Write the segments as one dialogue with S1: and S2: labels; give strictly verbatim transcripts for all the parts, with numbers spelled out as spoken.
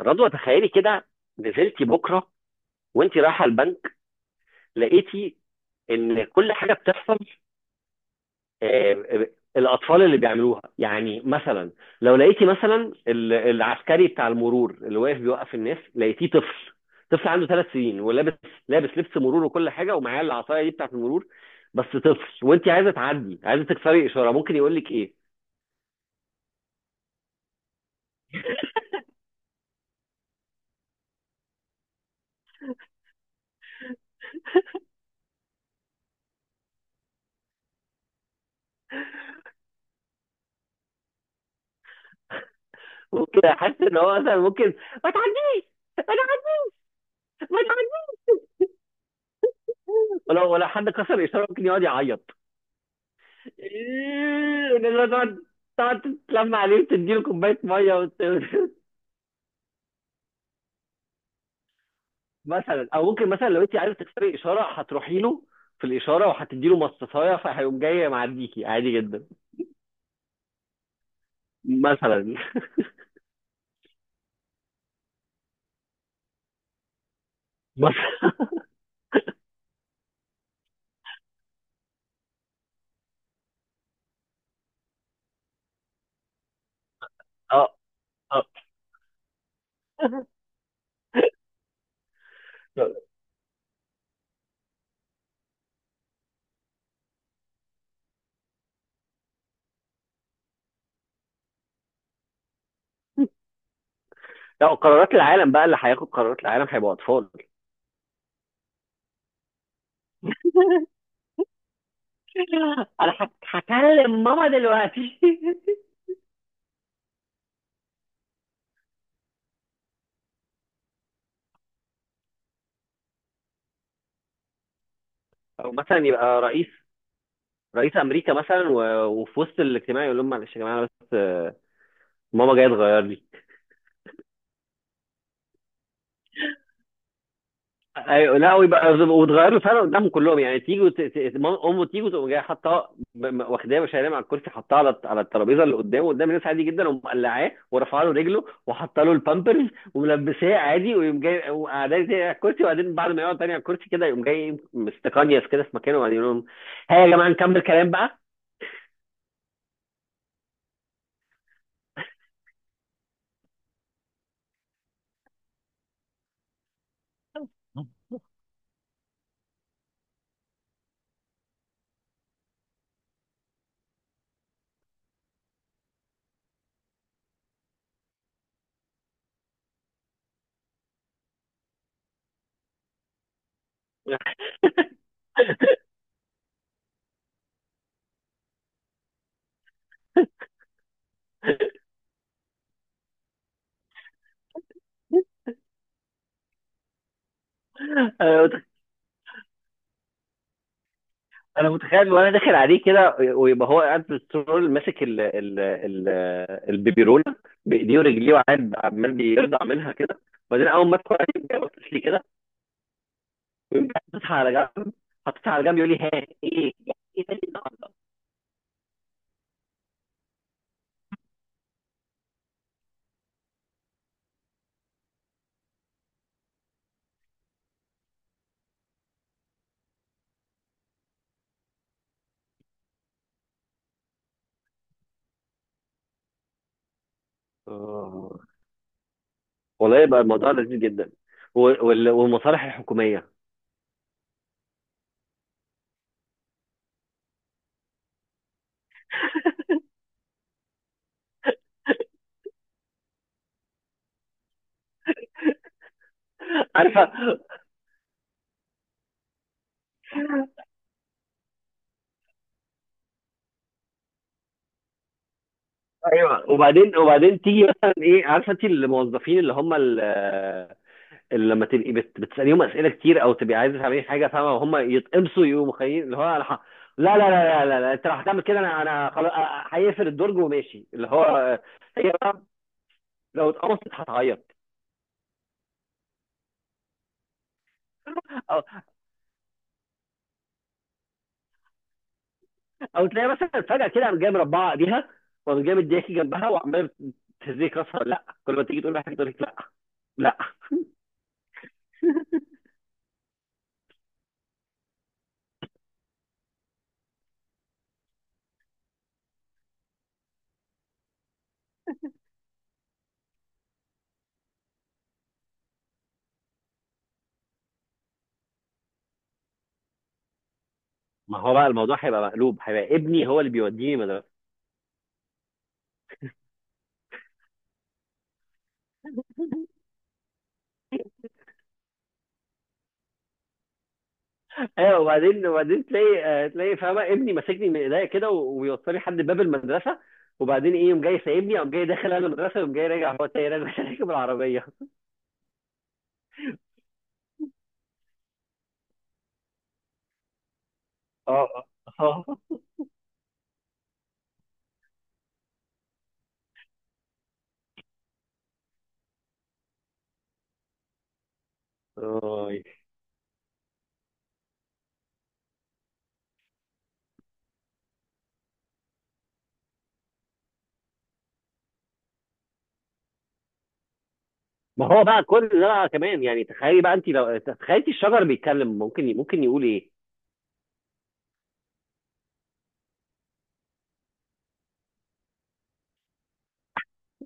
S1: رضوى، تخيلي كده. نزلتي بكره وانت رايحه البنك، لقيتي ان كل حاجه بتحصل. آه، آه، الاطفال اللي بيعملوها، يعني مثلا لو لقيتي مثلا ال- العسكري بتاع المرور اللي واقف بيوقف الناس، لقيتيه طفل، طفل عنده ثلاث سنين ولابس. لابس لبس مرور وكل حاجه، ومعاه العصايه دي بتاعت المرور. بس طفل، وانت عايزه تعدي، عايزه تكسري اشاره، ممكن يقول لك ايه؟ ممكن احس ان هو مثلا ممكن: ما تعديش، ما تعديش، ما تعديش. ولو ولا حد كسر اشاره ممكن يقعد يعيط. إيه، ونقول تقعد تقعد تتلم عليه وتديله كوبايه ميه وت... مثلا، او ممكن مثلا لو انت عايزه تكسري اشاره هتروحي له في الاشاره وهتديله مصاصايه، فهيقوم جاي معديكي عادي جدا. مثلا. مثلا. اه، اه. لا، قرارات العالم بقى، اللي هياخد قرارات العالم هيبقوا اطفال. انا هك- هكلم ماما دلوقتي. او مثلا يبقى رئيس رئيس امريكا مثلا، و- وفي وسط الاجتماع يقول لهم: معلش يا جماعه، بس آه، ماما جايه تغير لي. ايوه، لا، ويبقى وتغير له فعلا قدامهم كلهم، يعني تيجي ت- ت- امه تيجي، تقوم جايه حاطاه ب- م- واخداه وشايلاه من على الكرسي، حاطاه على الت- على الترابيزه اللي قدامه قدام الناس عادي جدا، ومقلعاه ورافعه له رجله وحاطه له البامبرز، وملبساه عادي، ويقوم جاي وقعداه تاني على الكرسي. وبعدين بعد ما يقعد تاني على الكرسي كده يقوم جاي مستقنيس كده في مكانه، وبعدين يقول لهم: ها يا جماعه، نكمل كلام بقى. انا متخيل، وانا داخل عليه كده ويبقى هو قاعد بالترول ماسك ال ال ال البيبي رولر بايديه ورجليه، وقاعد عمال بيرضع منها كده. وبعدين اول ما ادخل عليه كده بص لي كده، ويقوم حاططها على جنب حاططها على جنب، يقول لي: ها، ايه ايه ده، إيه ده؟ آه. والله يبقى الموضوع لذيذ جدا، وال- وال- والمصالح الحكوميه. عارفه. ايوه، وبعدين وبعدين تيجي مثلا ايه، عارفه، انت الموظفين اللي هم ال- اللي لما تبقي بت... بتساليهم اسئله كتير او تبقي عايزه تعملي حاجه، فاهمه، وهم يتقمصوا يقوموا خايفين، اللي هو: انا ح... لا لا لا لا لا, لا. انت لو هتعمل كده انا انا خلاص. هيقفل الدرج وماشي، اللي هو هي بقى لو اتقمصت هتعيط. او او تلاقي مثلا فجاه كده قام جاي مربعه ايديها، وقام جاي مدياكي جنبها وعمال تهزيك راسها: لا، كل ما تيجي تقول لها حاجه تقول لك: لا. لا، ما هو بقى الموضوع هيبقى مقلوب، هيبقى ابني هو اللي بيوديني مدرسه. ايوه، وبعدين وبعدين تلاقي، آه، تلاقي فاهمه ابني ماسكني من ايديا كده و- ويوصلني لحد باب المدرسه. وبعدين ايه، يوم جاي سايبني او جاي داخل انا المدرسه، ويوم جاي راجع هو تاني راجع راكب العربيه. اه. اه، أي. ما هو بقى كل ده بقى كمان، يعني تخيلي بقى، انت لو تخيلتي الشجر بيتكلم، ممكن ممكن يقول ايه؟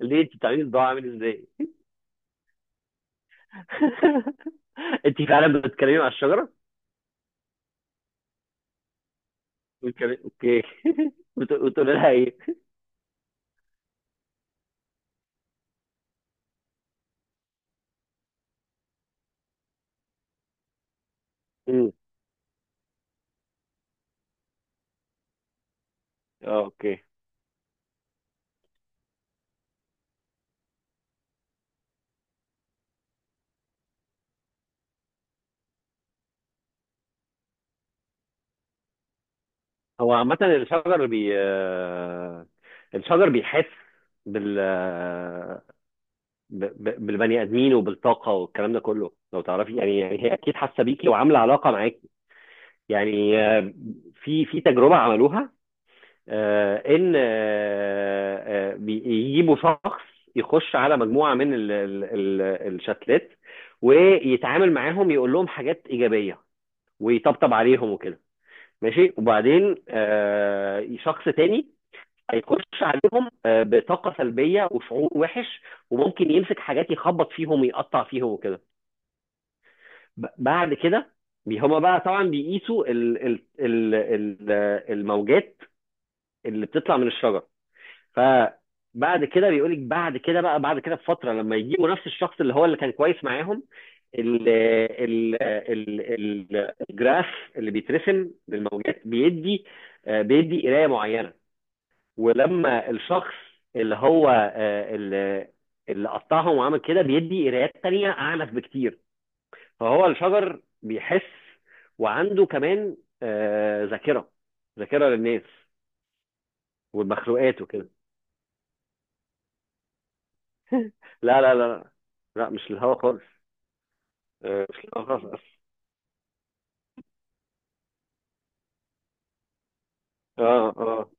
S1: ليه، انت بتعملي الضوء عامل ازاي؟ انت فعلا بتتكلمي مع الشجره؟ بتتكلمي؟ اوكي. بت- بتقولي لها ايه؟ مم. اه، اوكي. هو عامة الشجر بي آه، الشجر بيحس بال آه، ب- ب- بالبني ادمين وبالطاقه والكلام ده كله لو تعرفي، يعني، يعني هي اكيد حاسه بيكي وعامله علاقه معاكي. يعني، آه، في في تجربه عملوها، آه، ان آه، آه، بيجيبوا شخص يخش على مجموعه من ال- ال- ال- الشتلات، ويتعامل معاهم، يقول لهم حاجات ايجابيه ويطبطب عليهم وكده. ماشي. وبعدين آه، شخص تاني هيخش عليهم آه، بطاقة سلبية وشعور وحش، وممكن يمسك حاجات يخبط فيهم ويقطع فيهم وكده. ب- بعد كده بي- هما بقى طبعا بيقيسوا ال ال ال ال الموجات اللي بتطلع من الشجر. فبعد كده بيقولك، بعد كده بقى، بعد كده بفترة، لما يجيبوا نفس الشخص اللي هو اللي كان كويس معاهم، ال ال ال ال الجراف اللي بيترسم للموجات بيدي آه، بيدي قراية معينة. ولما الشخص اللي هو آه، اللي اللي قطعهم وعمل كده بيدي قرايات تانية أعنف بكتير. فهو الشجر بيحس، وعنده كمان آه، ذاكرة، ذاكرة للناس والمخلوقات وكده. لا لا لا، لا مش الهوا خالص. آه، مش الهوا خالص. اه، اه.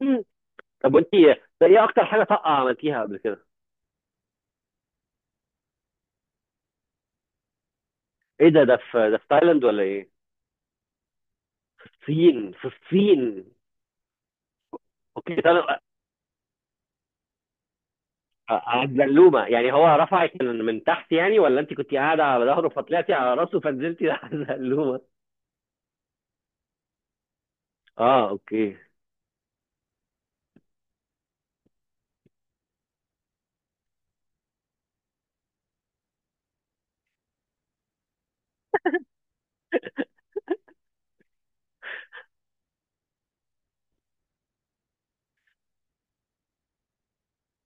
S1: مم. طب وانت ايه، ايه اكتر حاجة طاقة عملتيها قبل كده؟ ايه ده؟ ده في ده في تايلاند ولا ايه؟ في الصين. في الصين، اوكي، طيب، قعد زلومه يعني، هو رفعك من من تحت يعني، ولا انت كنت قاعده على ظهره فطلعتي على راسه فنزلتي على زلومه؟ اه، اوكي.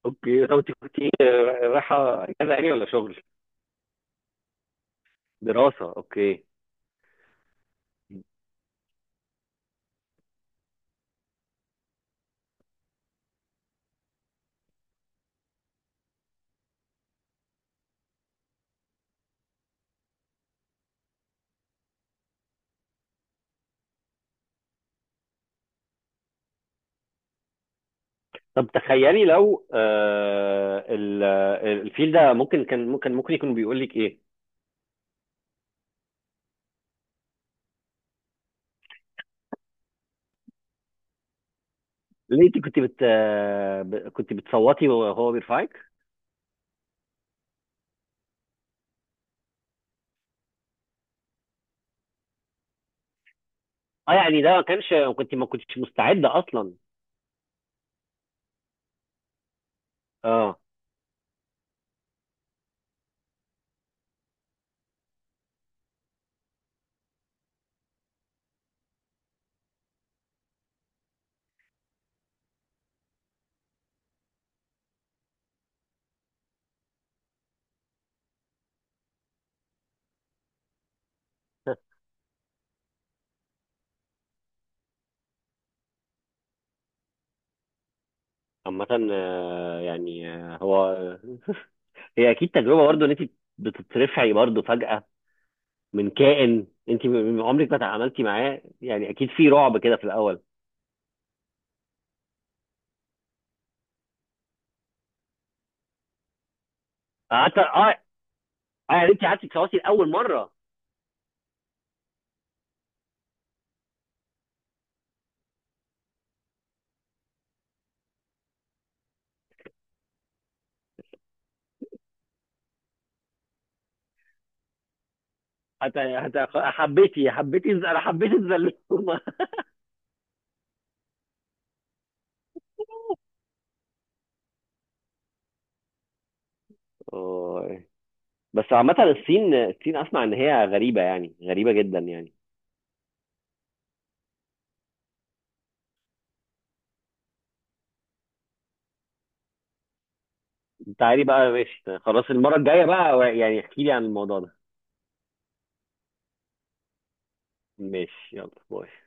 S1: اوكي طب، انت كنت رايحه اجازه يعني ولا شغل؟ دراسه، اوكي. طب تخيلي لو آه ال- الفيل ده، ممكن كان، ممكن ممكن يكون بيقول لك ايه؟ ليه، انت كنت بت آه، ب- كنت بتصوتي وهو بيرفعك؟ اه، يعني ده ما كانش، كنت ما كنتش مستعده اصلا. اه. عامة آه، يعني آه، هو هي اكيد تجربه برضو، ان انت بتترفعي برضو فجاه من كائن انت م- عمرك ما تعاملتي معاه، يعني اكيد في رعب كده في الاول. آه، حتى اه. آه، يعني انت قعدتي تصوتي لاول مره. حتى حتى حبيتي حبيتي الز- انا حبيت الزلومه. أوه. بس عامة، الصين، الصين اسمع ان هي غريبة، يعني غريبة جدا يعني. تعالي بقى، ماشي، خلاص المرة الجاية بقى يعني، احكي لي عن الموضوع ده. ماشي، يلا، باي.